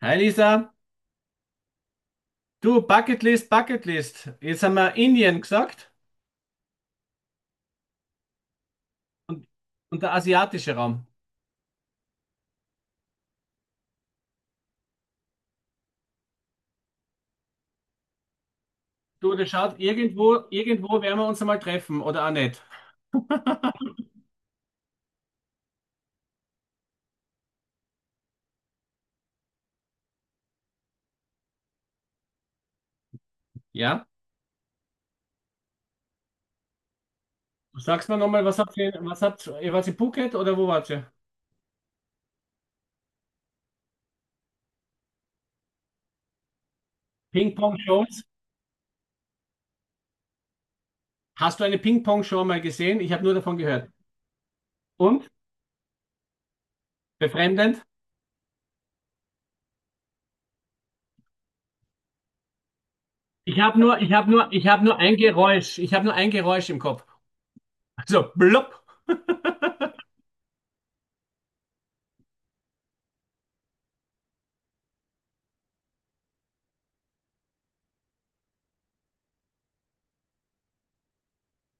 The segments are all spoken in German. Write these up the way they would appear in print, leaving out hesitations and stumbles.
Hi Lisa, du Bucketlist, Bucketlist. Jetzt haben wir Indien gesagt und, und der asiatische Raum. Du, das schaut, irgendwo, irgendwo werden wir uns einmal treffen oder auch nicht. Ja? Sagst mir nochmal, was habt ihr, wart ihr Phuket oder wo wart ihr? Ping-Pong-Shows? Hast du eine Ping-Pong-Show mal gesehen? Ich habe nur davon gehört. Und? Befremdend? Ich habe nur, ich habe nur, ich habe nur ein Geräusch. Ich habe nur ein Geräusch im Kopf. So blub.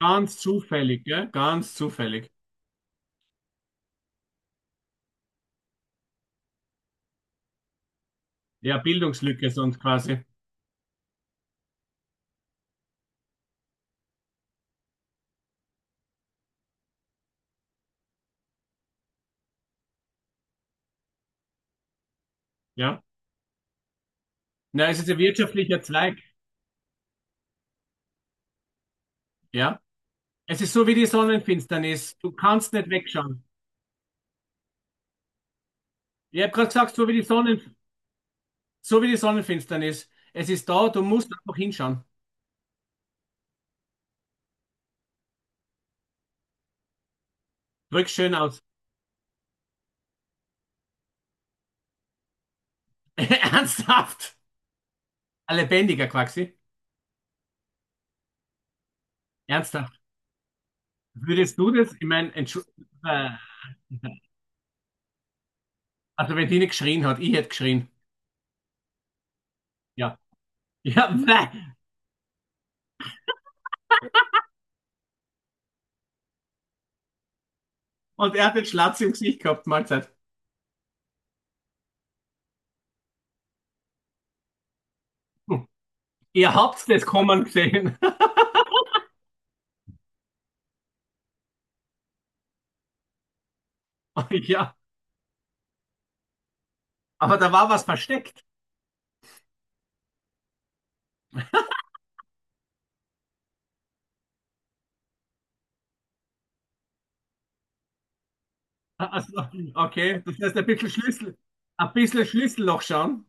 Ganz zufällig, gell? Ganz zufällig. Ja, Bildungslücke sonst quasi. Ja. Na, es ist ein wirtschaftlicher Zweig. Ja. Es ist so wie die Sonnenfinsternis. Du kannst nicht wegschauen. Ich habe gerade gesagt, so wie die Sonnen, so wie die Sonnenfinsternis. Es ist da, du musst einfach hinschauen. Drück's schön aus. Ernsthaft? Ein lebendiger Quaxi. Ernsthaft. Würdest du das? Ich meine, Entschu- äh, also wenn die nicht geschrien hat, ich hätte geschrien. Ja. Ja, nein. Und er hat den Schlatz im Gesicht gehabt, Mahlzeit. Hm. Ihr habt's das kommen gesehen. Ja. Aber da war was versteckt. Also, okay, das heißt ein bisschen Schlüssel, ein bisschen Schlüsselloch schauen,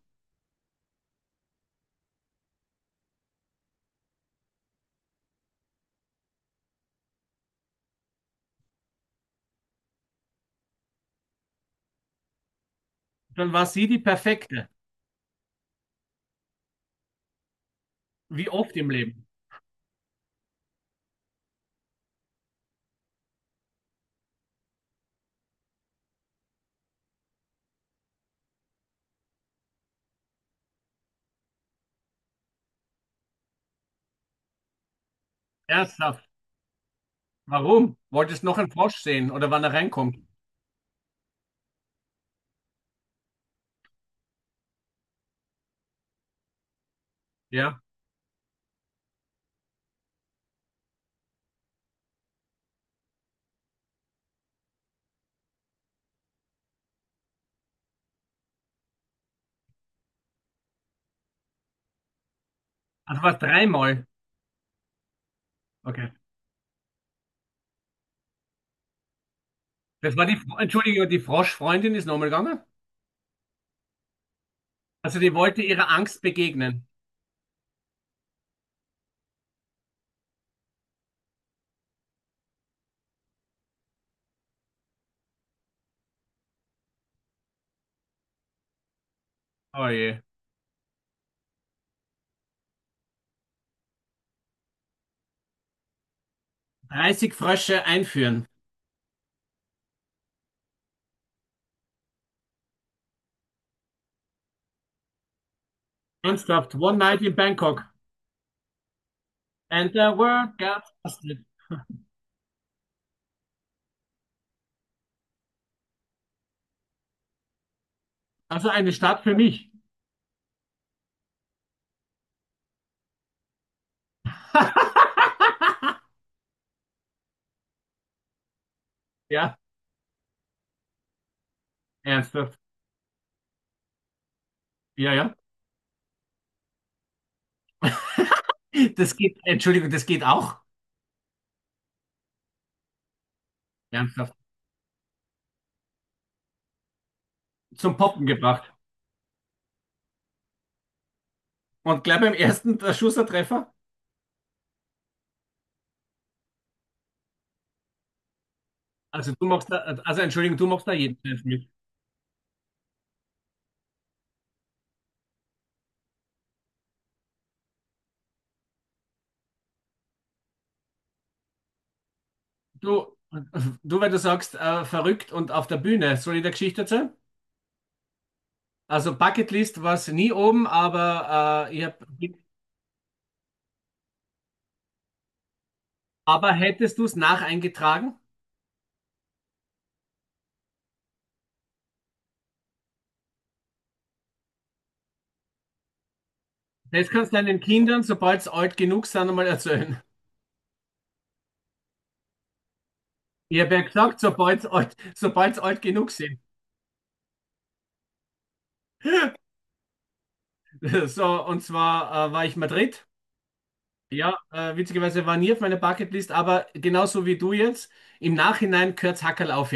dann war sie die perfekte. Wie oft im Leben. Ernsthaft. Warum? Wolltest noch einen Frosch sehen oder wann er reinkommt? Ja. Also war es dreimal. Okay. Das war die, Fro- Entschuldigung, die Froschfreundin ist nochmal gegangen. Also die wollte ihrer Angst begegnen. Oh je. 30 Frösche einführen. Ernsthaft. One night in Bangkok. And the world got busted. Also eine Stadt für mich. Ja. Ernsthaft? Ja, ja. Das geht, Entschuldigung, das geht auch. Ernsthaft. Zum Poppen gebracht. Und gleich beim ersten der Schussertreffer, also du machst da, also Entschuldigung, du machst da jeden Treffer mit. Du, du, weil du sagst, verrückt und auf der Bühne, soll ich der Geschichte erzählen? Also Bucketlist war es nie oben, aber ich hab, aber hättest du es nacheingetragen? Das kannst du deinen Kindern, sobald sie alt genug sind, einmal erzählen. Ich habe ja gesagt, sobald sie alt genug sind. So, und zwar war ich Madrid. Ja, witzigerweise war nie auf meiner Bucketlist, aber genauso wie du jetzt, im Nachhinein gehört's Hackerl auf.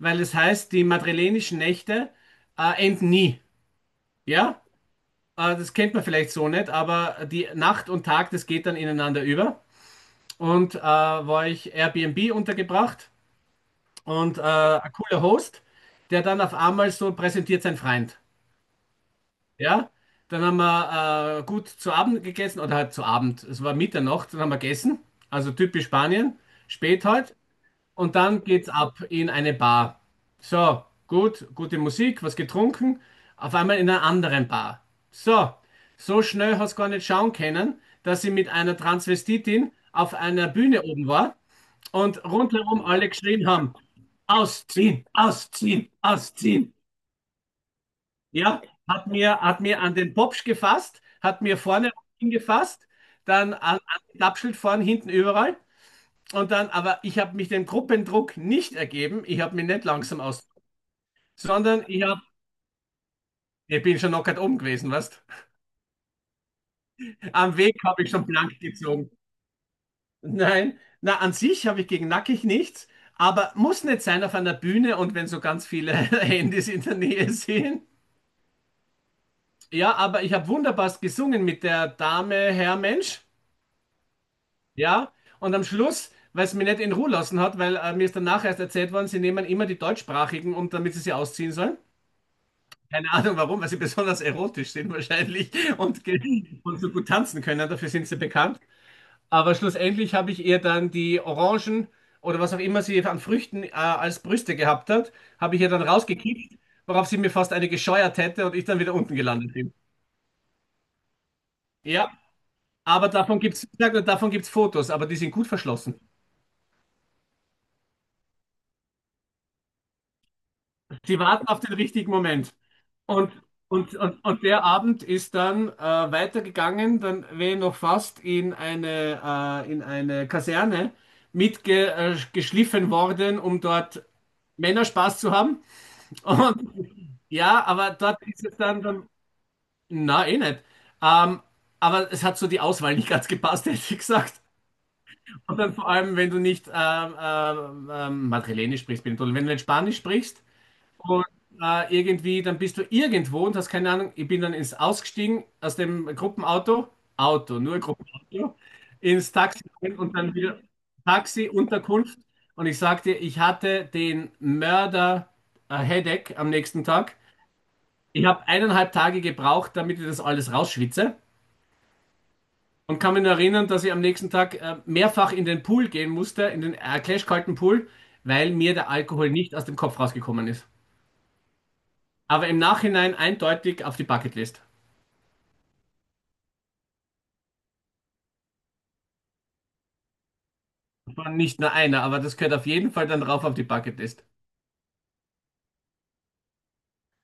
Weil es heißt, die madrilenischen Nächte enden nie. Ja, das kennt man vielleicht so nicht, aber die Nacht und Tag, das geht dann ineinander über. Und war ich Airbnb untergebracht und ein cooler Host, der dann auf einmal so präsentiert sein Freund. Ja, dann haben wir gut zu Abend gegessen oder halt zu Abend. Es war Mitternacht, dann haben wir gegessen. Also typisch Spanien, spät halt. Und dann geht's ab in eine Bar. So, gut, gute Musik, was getrunken. Auf einmal in einer anderen Bar. So, so schnell hast du gar nicht schauen können, dass sie mit einer Transvestitin auf einer Bühne oben war und rundherum alle geschrien haben: Ausziehen, ausziehen, ausziehen. Ja, hat mir an den Popsch gefasst, hat mir vorne hingefasst, dann an, an den Klappschild vorne, hinten überall. Und dann, aber ich habe mich dem Gruppendruck nicht ergeben. Ich habe mich nicht langsam aus, sondern ich habe, ich bin schon knockert oben gewesen, weißt? Am Weg habe ich schon blank gezogen. Nein, na, an sich habe ich gegen Nackig nichts, aber muss nicht sein auf einer Bühne und wenn so ganz viele Handys in der Nähe sind. Ja, aber ich habe wunderbar gesungen mit der Dame, Herr Mensch. Ja, und am Schluss, weil es mich nicht in Ruhe lassen hat, weil mir ist danach erst erzählt worden, sie nehmen immer die deutschsprachigen, um damit sie sie ausziehen sollen. Keine Ahnung warum, weil sie besonders erotisch sind wahrscheinlich und, ge- und so gut tanzen können, dafür sind sie bekannt. Aber schlussendlich habe ich ihr dann die Orangen oder was auch immer sie an Früchten als Brüste gehabt hat, habe ich ihr dann rausgekickt, worauf sie mir fast eine gescheuert hätte und ich dann wieder unten gelandet bin. Ja, aber davon gibt's, ich sag nur, davon gibt's Fotos, aber die sind gut verschlossen. Sie warten auf den richtigen Moment. Und, und der Abend ist dann weitergegangen, dann wäre ich noch fast in eine Kaserne mitgeschliffen worden, um dort Männer Spaß zu haben. Und ja, aber dort ist es dann, dann na, eh nicht. Ähm, aber es hat so die Auswahl nicht ganz gepasst, hätte ich gesagt. Und dann vor allem, wenn du nicht Madrilenisch sprichst, bin ich toll. Wenn du nicht Spanisch sprichst, und irgendwie, dann bist du irgendwo und hast keine Ahnung. Ich bin dann ins ausgestiegen aus dem Gruppenauto, Auto, nur Gruppenauto, ins Taxi rein und dann wieder Taxi, Unterkunft. Und ich sagte, ich hatte den Mörder Headache am nächsten Tag. Ich habe eineinhalb Tage gebraucht, damit ich das alles rausschwitze. Und kann mich nur erinnern, dass ich am nächsten Tag mehrfach in den Pool gehen musste, in den klashkalten Pool, weil mir der Alkohol nicht aus dem Kopf rausgekommen ist. Aber im Nachhinein eindeutig auf die Bucketlist. Nicht nur einer, aber das gehört auf jeden Fall dann drauf auf die Bucketlist.